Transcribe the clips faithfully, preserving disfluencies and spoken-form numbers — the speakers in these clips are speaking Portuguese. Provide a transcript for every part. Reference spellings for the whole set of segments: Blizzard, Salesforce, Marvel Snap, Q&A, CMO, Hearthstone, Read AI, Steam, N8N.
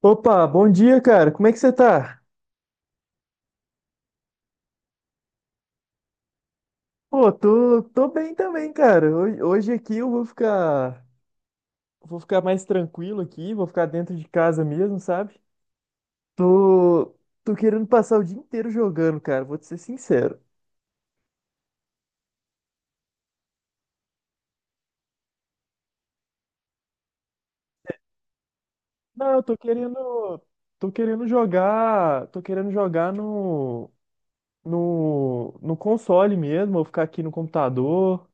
Opa, bom dia, cara. Como é que você tá? Pô, tô, tô bem também, cara. Hoje, hoje aqui eu vou ficar, vou ficar mais tranquilo aqui, vou ficar dentro de casa mesmo, sabe? Tô, tô querendo passar o dia inteiro jogando, cara. Vou te ser sincero. Não, eu tô querendo, tô querendo jogar, tô querendo jogar no, no, no console mesmo. Vou ficar aqui no computador.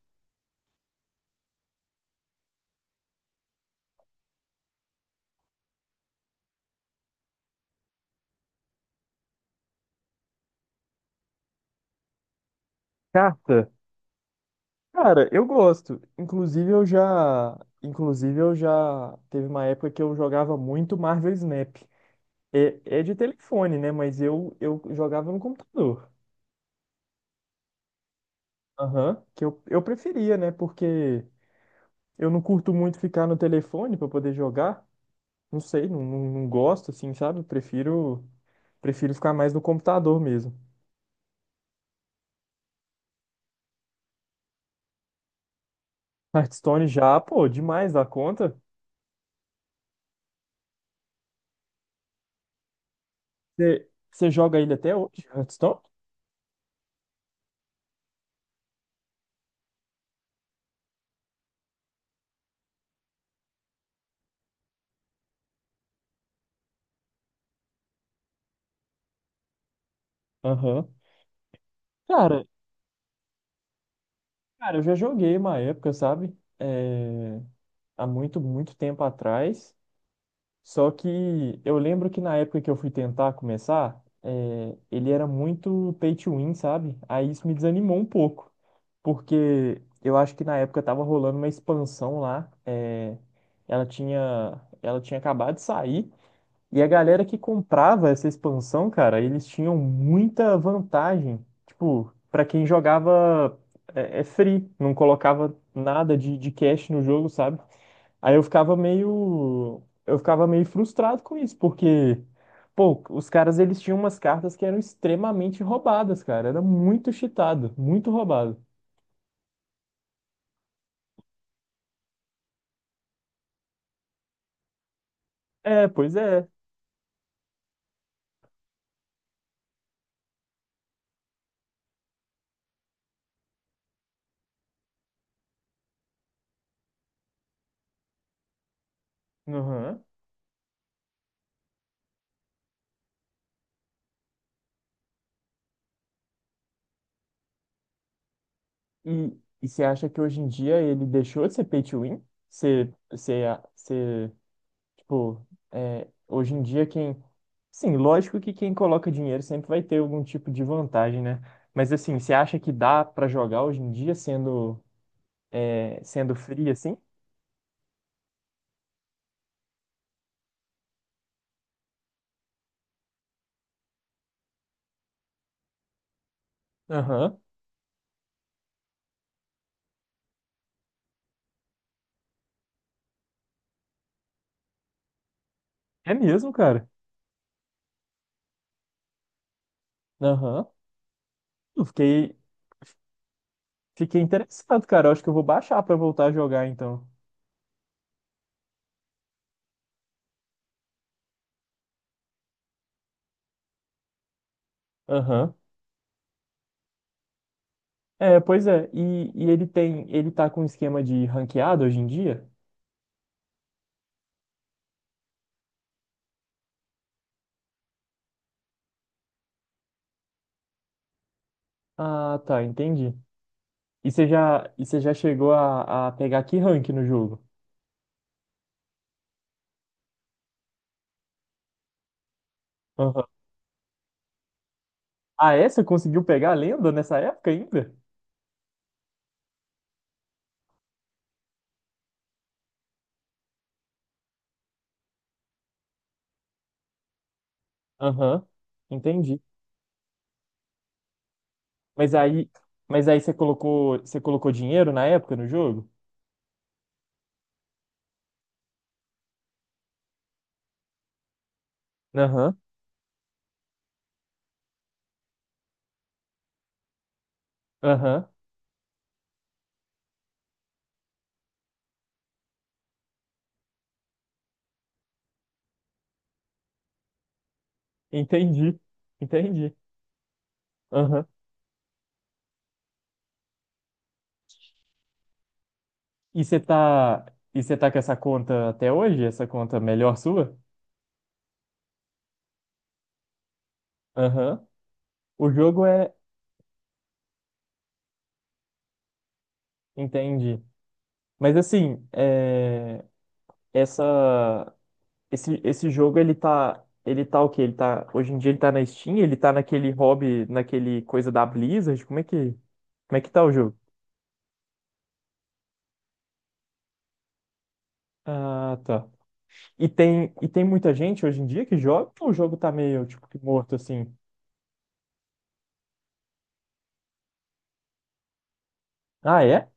Carta. Cara, eu gosto. Inclusive eu já, inclusive eu já teve uma época que eu jogava muito Marvel Snap. É, é de telefone, né? Mas eu, eu jogava no computador. Aham. Que eu, eu preferia, né? Porque eu não curto muito ficar no telefone para poder jogar. Não sei, não, não, não gosto, assim, sabe? Prefiro, prefiro ficar mais no computador mesmo. Hearthstone já, pô, demais da conta. Você Você joga ele até hoje, Hearthstone? Aham. Cara, Cara, eu já joguei uma época, sabe? É, há muito, muito tempo atrás. Só que eu lembro que na época que eu fui tentar começar, é, ele era muito pay to win, sabe? Aí isso me desanimou um pouco. Porque eu acho que na época tava rolando uma expansão lá. é, Ela tinha, ela tinha acabado de sair. E a galera que comprava essa expansão, cara, eles tinham muita vantagem. Tipo, pra quem jogava é, é free, não colocava nada de, de cash no jogo, sabe? Aí eu ficava meio, eu ficava meio frustrado com isso, porque, pô, os caras eles tinham umas cartas que eram extremamente roubadas, cara. Era muito cheatado, muito roubado. É, pois é. Aham. E, e você acha que hoje em dia ele deixou de ser pay to win? Você, você, Tipo, é, hoje em dia quem. Sim, lógico que quem coloca dinheiro sempre vai ter algum tipo de vantagem, né? Mas assim, você acha que dá pra jogar hoje em dia sendo, é, sendo free assim? Aham. É mesmo, cara. Aham. Eu fiquei, fiquei interessado, cara. Eu acho que eu vou baixar pra voltar a jogar então. Aham. É, pois é. E, e ele tem, ele tá com um esquema de ranqueado hoje em dia? Ah, tá, entendi. E você já, e você já chegou a, a pegar que rank no jogo? Ah, é? Você conseguiu pegar a lenda nessa época ainda? Aham, entendi. Mas aí, mas aí você colocou, você colocou dinheiro na época no jogo? Aham, aham, entendi, entendi. Aham. E você tá, e você tá com essa conta até hoje? Essa conta melhor sua? Aham. O jogo é, entendi. Mas assim, é, essa Esse, esse jogo, ele tá. Ele tá o quê? Ele tá. Hoje em dia ele tá na Steam, ele tá naquele hobby, naquele coisa da Blizzard. Como é que. Como é que tá o jogo? Ah, tá. E tem, e tem muita gente hoje em dia que joga ou o jogo tá meio, tipo, que morto assim? Ah, é?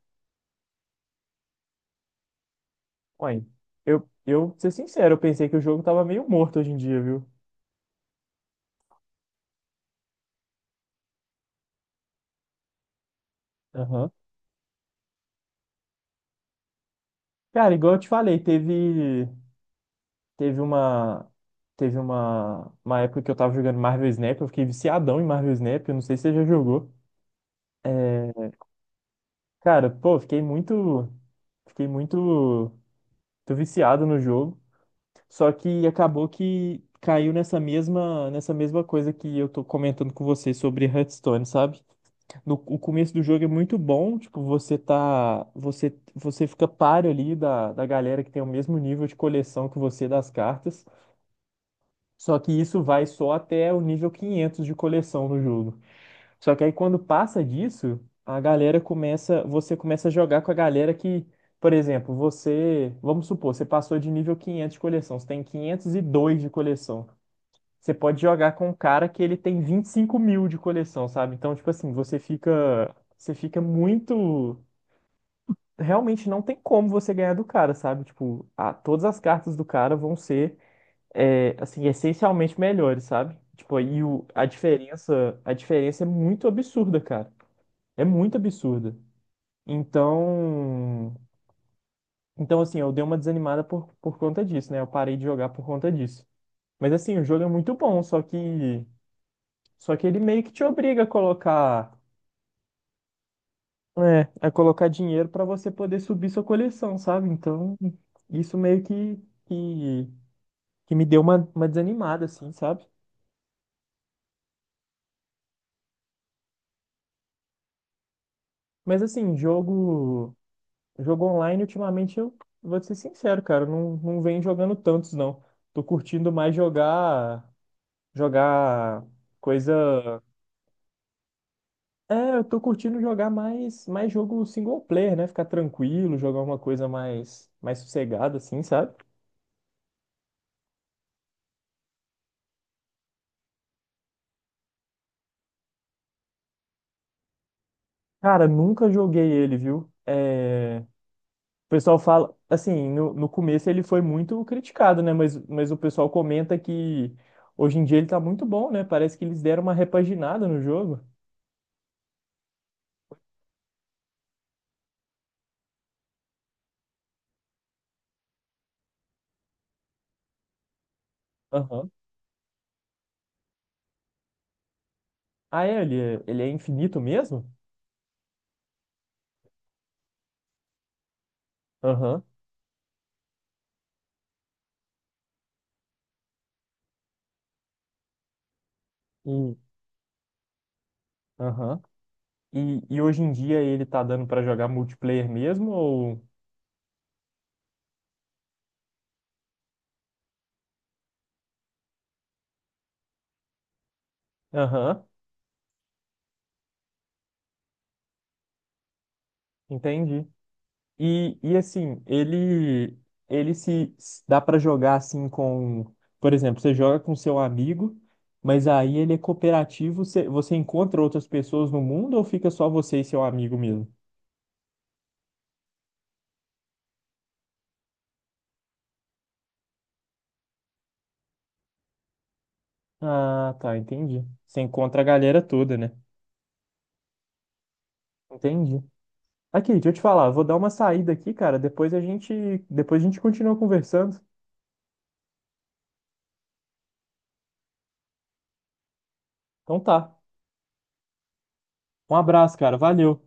Ué, eu, eu, pra ser sincero, eu pensei que o jogo tava meio morto hoje em dia, viu? Aham. Cara, igual eu te falei, teve, teve uma, teve uma, uma época que eu tava jogando Marvel Snap, eu fiquei viciadão em Marvel Snap, eu não sei se você já jogou. É, Cara, pô, fiquei muito, fiquei muito, muito viciado no jogo. Só que acabou que caiu nessa mesma, nessa mesma coisa que eu tô comentando com você sobre Hearthstone, sabe? No, o começo do jogo é muito bom, tipo, você tá, você, você fica páreo ali da, da galera que tem o mesmo nível de coleção que você das cartas. Só que isso vai só até o nível quinhentos de coleção no jogo. Só que aí quando passa disso, a galera começa, você começa a jogar com a galera que, por exemplo, você, vamos supor, você passou de nível quinhentos de coleção, você tem quinhentos e dois de coleção. Você pode jogar com um cara que ele tem vinte e cinco mil de coleção, sabe? Então, tipo assim, você fica, você fica muito, realmente não tem como você ganhar do cara, sabe? Tipo, a, todas as cartas do cara vão ser, é, assim, essencialmente melhores, sabe? Tipo, aí o, a diferença, a diferença é muito absurda, cara. É muito absurda. Então, então assim, eu dei uma desanimada por, por conta disso, né? Eu parei de jogar por conta disso. Mas assim, o jogo é muito bom, só que só que ele meio que te obriga a colocar, é, a colocar dinheiro pra você poder subir sua coleção, sabe? Então, isso meio que que, que me deu uma, uma desanimada assim, sabe? Mas assim, jogo jogo online ultimamente eu vou te ser sincero, cara, eu não não venho jogando tantos não. Tô curtindo mais jogar jogar coisa. É, eu tô curtindo jogar mais, mais jogo single player, né? Ficar tranquilo, jogar uma coisa mais, mais sossegada, assim, sabe? Cara, nunca joguei ele, viu? É... O pessoal fala, assim, no, no começo ele foi muito criticado, né? Mas, mas o pessoal comenta que hoje em dia ele tá muito bom, né? Parece que eles deram uma repaginada no jogo. Aham. Ah, é? Ele é, ele é infinito mesmo? Aham. Hum. Aham. E, e hoje em dia ele tá dando pra jogar multiplayer mesmo ou... Aham, entendi. E, e assim, ele ele se se dá pra jogar assim com, por exemplo, você joga com seu amigo, mas aí ele é cooperativo, você, você encontra outras pessoas no mundo ou fica só você e seu amigo mesmo? Ah, tá, entendi. Você encontra a galera toda, né? Entendi. Aqui, deixa eu te falar, eu vou dar uma saída aqui, cara, depois a gente depois a gente continua conversando. Então tá. Um abraço, cara. Valeu.